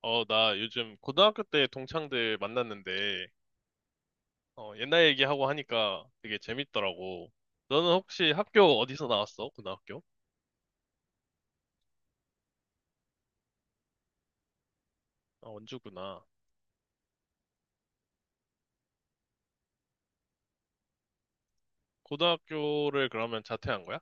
나 요즘 고등학교 때 동창들 만났는데, 옛날 얘기하고 하니까 되게 재밌더라고. 너는 혹시 학교 어디서 나왔어? 고등학교? 아, 원주구나. 고등학교를 그러면 자퇴한 거야?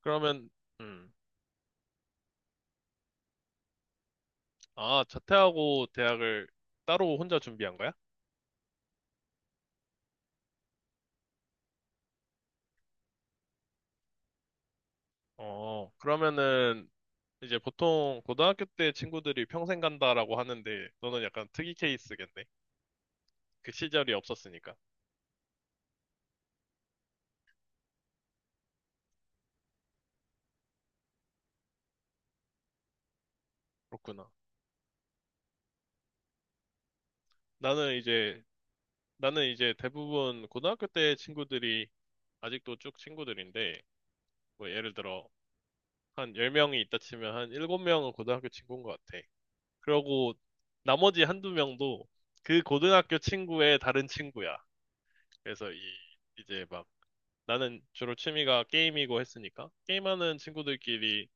그러면, 음, 아, 자퇴하고 대학을 따로 혼자 준비한 거야? 그러면은, 이제 보통 고등학교 때 친구들이 평생 간다라고 하는데, 너는 약간 특이 케이스겠네. 그 시절이 없었으니까. 그렇구나. 나는 이제 나는 이제 대부분 고등학교 때 친구들이 아직도 쭉 친구들인데, 뭐 예를 들어 한 10명이 있다 치면 한 7명은 고등학교 친구인 것 같아. 그러고 나머지 한두 명도 그 고등학교 친구의 다른 친구야. 그래서 이 이제 막 나는 주로 취미가 게임이고 했으니까 게임하는 친구들끼리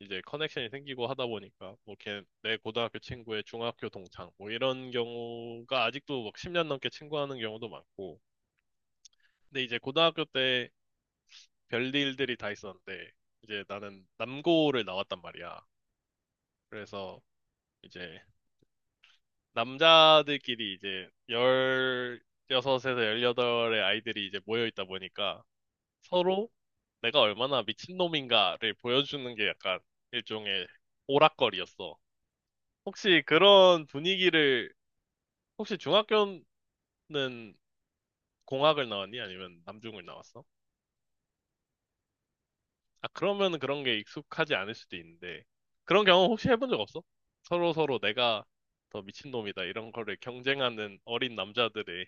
이제 커넥션이 생기고 하다 보니까 뭐 걔 내 고등학교 친구의 중학교 동창 뭐 이런 경우가 아직도 막 10년 넘게 친구하는 경우도 많고 근데 이제 고등학교 때 별일들이 다 있었는데 이제 나는 남고를 나왔단 말이야. 그래서 이제 남자들끼리 이제 16에서 18의 아이들이 이제 모여 있다 보니까 서로 내가 얼마나 미친놈인가를 보여주는 게 약간 일종의 오락거리였어. 혹시 그런 분위기를 혹시 중학교는 공학을 나왔니? 아니면 남중을 나왔어? 아, 그러면 그런 게 익숙하지 않을 수도 있는데, 그런 경험 혹시 해본 적 없어? 서로 서로 내가 더 미친놈이다, 이런 거를 경쟁하는 어린 남자들의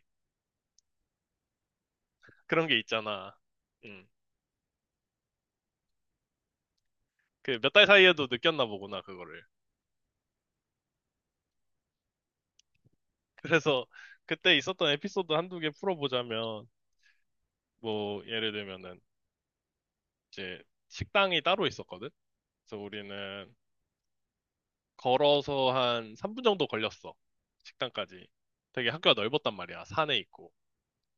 그런 게 있잖아. 음, 그 몇 달 사이에도 느꼈나 보구나, 그거를. 그래서 그때 있었던 에피소드 한두 개 풀어보자면, 뭐, 예를 들면은, 이제 식당이 따로 있었거든? 그래서 우리는 걸어서 한 3분 정도 걸렸어. 식당까지. 되게 학교가 넓었단 말이야. 산에 있고.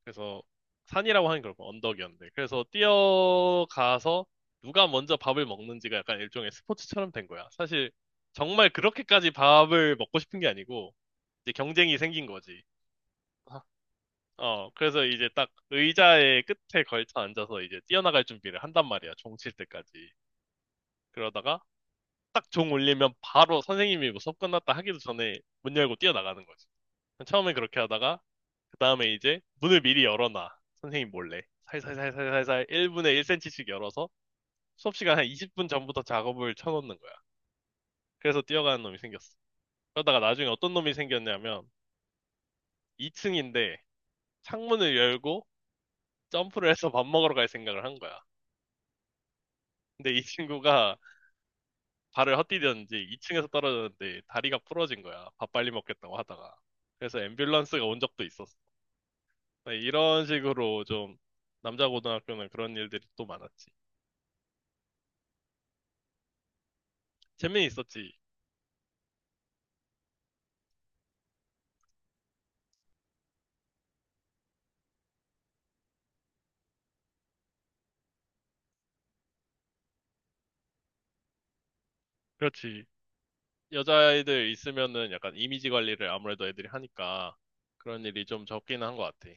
그래서 산이라고 하는 걸 언덕이었는데 그래서 뛰어가서 누가 먼저 밥을 먹는지가 약간 일종의 스포츠처럼 된 거야. 사실 정말 그렇게까지 밥을 먹고 싶은 게 아니고 이제 경쟁이 생긴 거지. 아, 그래서 이제 딱 의자의 끝에 걸쳐 앉아서 이제 뛰어나갈 준비를 한단 말이야. 종칠 때까지. 그러다가 딱 종 울리면 바로 선생님이 뭐 수업 끝났다 하기도 전에 문 열고 뛰어나가는 거지. 처음에 그렇게 하다가 그 다음에 이제 문을 미리 열어놔. 선생님 몰래. 살살살살살살 1분에 1cm씩 열어서 수업 시간 한 20분 전부터 작업을 쳐놓는 거야. 그래서 뛰어가는 놈이 생겼어. 그러다가 나중에 어떤 놈이 생겼냐면 2층인데 창문을 열고 점프를 해서 밥 먹으러 갈 생각을 한 거야. 근데 이 친구가 발을 헛디뎠는지 2층에서 떨어졌는데 다리가 부러진 거야. 밥 빨리 먹겠다고 하다가. 그래서 앰뷸런스가 온 적도 있었어. 이런 식으로 좀 남자 고등학교는 그런 일들이 또 많았지. 재미 있었지. 그렇지. 여자애들 있으면은 약간 이미지 관리를 아무래도 애들이 하니까 그런 일이 좀 적긴 한 것 같아.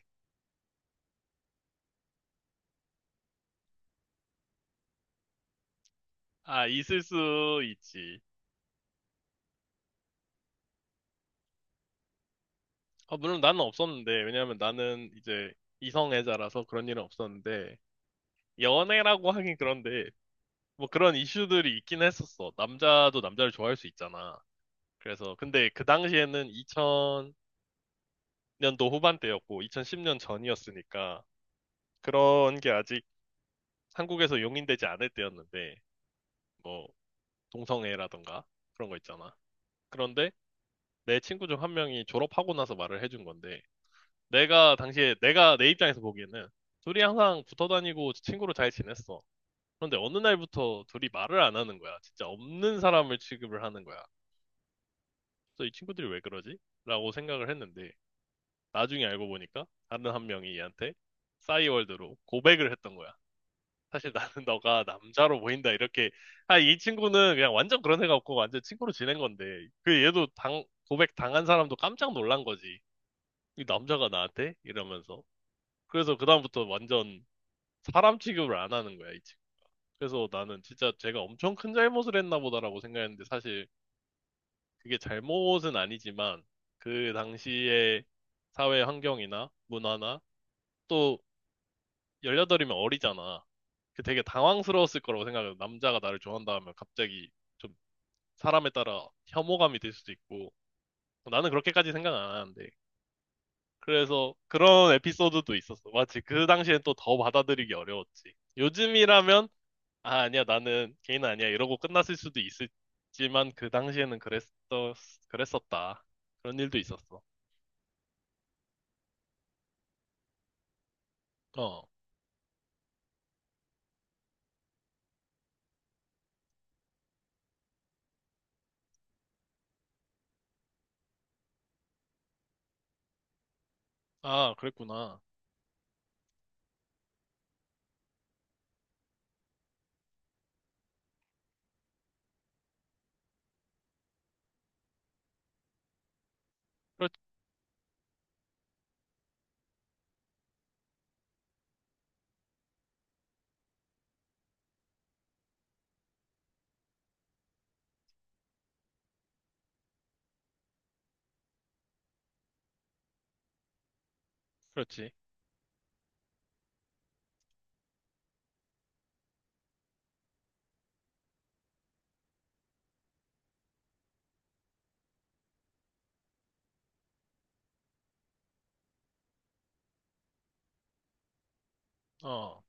아, 있을 수 있지. 아, 물론 나는 없었는데, 왜냐면 나는 이제 이성애자라서 그런 일은 없었는데, 연애라고 하긴 그런데, 뭐 그런 이슈들이 있긴 했었어. 남자도 남자를 좋아할 수 있잖아. 그래서, 근데 그 당시에는 2000년도 후반대였고, 2010년 전이었으니까, 그런 게 아직 한국에서 용인되지 않을 때였는데, 뭐, 동성애라던가 그런 거 있잖아. 그런데 내 친구 중 한 명이 졸업하고 나서 말을 해준 건데 내가 당시에 내가 내 입장에서 보기에는 둘이 항상 붙어 다니고 친구로 잘 지냈어. 그런데 어느 날부터 둘이 말을 안 하는 거야. 진짜 없는 사람을 취급을 하는 거야. 그래서 이 친구들이 왜 그러지? 라고 생각을 했는데 나중에 알고 보니까 다른 한 명이 얘한테 싸이월드로 고백을 했던 거야. 사실 나는 너가 남자로 보인다 이렇게 아 이 친구는 그냥 완전 그런 애가 없고 완전 친구로 지낸 건데 그 얘도 당 고백 당한 사람도 깜짝 놀란 거지 이 남자가 나한테 이러면서 그래서 그다음부터 완전 사람 취급을 안 하는 거야 이 친구 그래서 나는 진짜 제가 엄청 큰 잘못을 했나 보다라고 생각했는데 사실 그게 잘못은 아니지만 그 당시의 사회 환경이나 문화나 또 18이면 어리잖아. 그 되게 당황스러웠을 거라고 생각해요. 남자가 나를 좋아한다 하면 갑자기 좀 사람에 따라 혐오감이 들 수도 있고. 나는 그렇게까지 생각 안 하는데. 그래서 그런 에피소드도 있었어. 마치 그 당시엔 또 더 받아들이기 어려웠지. 요즘이라면, 아, 아니야, 나는 개인 아니야. 이러고 끝났을 수도 있었지만 그랬었다. 그런 일도 있었어. 어. 아, 그랬구나. 그렇, 그렇지. 어.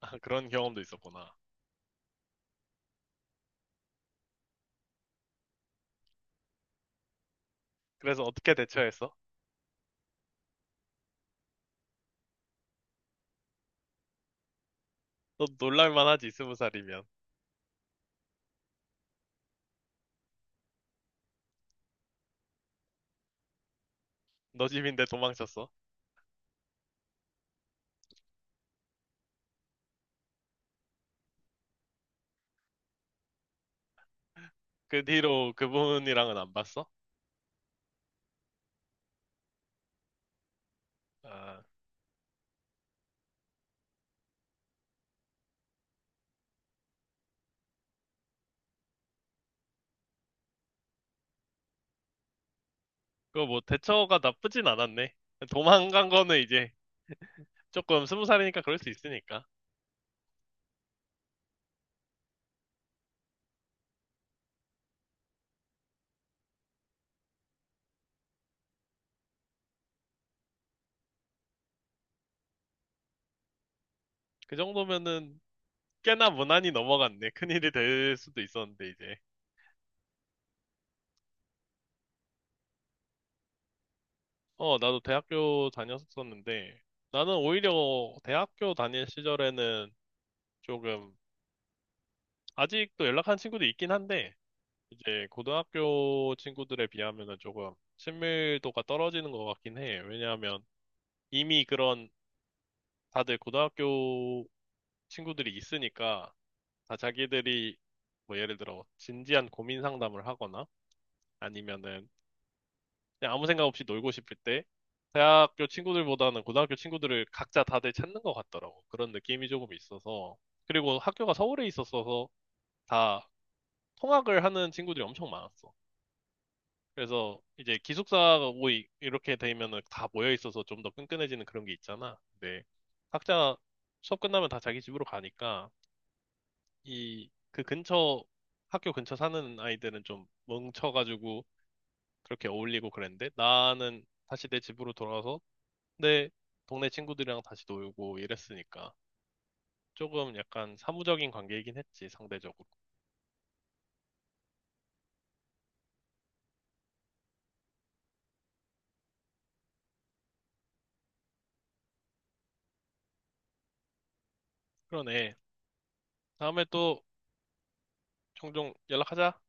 아, 그런 경험도 있었구나. 그래서 어떻게 대처했어? 너 놀랄만 하지, 스무 살이면. 너 집인데 도망쳤어. 그 뒤로 그분이랑은 안 봤어? 아, 그거 뭐 대처가 나쁘진 않았네. 도망간 거는 이제 조금 스무 살이니까 그럴 수 있으니까. 그 정도면은 꽤나 무난히 넘어갔네. 큰일이 될 수도 있었는데, 이제. 어, 나도 대학교 다녔었는데, 나는 오히려 대학교 다닐 시절에는 조금, 아직도 연락한 친구도 있긴 한데, 이제 고등학교 친구들에 비하면은 조금 친밀도가 떨어지는 것 같긴 해. 왜냐하면 이미 그런 다들 고등학교 친구들이 있으니까 다 자기들이 뭐 예를 들어 진지한 고민 상담을 하거나 아니면은 그냥 아무 생각 없이 놀고 싶을 때 대학교 친구들보다는 고등학교 친구들을 각자 다들 찾는 것 같더라고. 그런 느낌이 조금 있어서. 그리고 학교가 서울에 있었어서 다 통학을 하는 친구들이 엄청 많았어. 그래서 이제 기숙사가 모이 이렇게 되면은 다 모여 있어서 좀 더 끈끈해지는 그런 게 있잖아. 근데 각자 수업 끝나면 다 자기 집으로 가니까 이 그 근처 학교 근처 사는 아이들은 좀 뭉쳐가지고 그렇게 어울리고 그랬는데 나는 다시 내 집으로 돌아가서 내 동네 친구들이랑 다시 놀고 이랬으니까 조금 약간 사무적인 관계이긴 했지 상대적으로. 그러네. 다음에 또 종종 연락하자.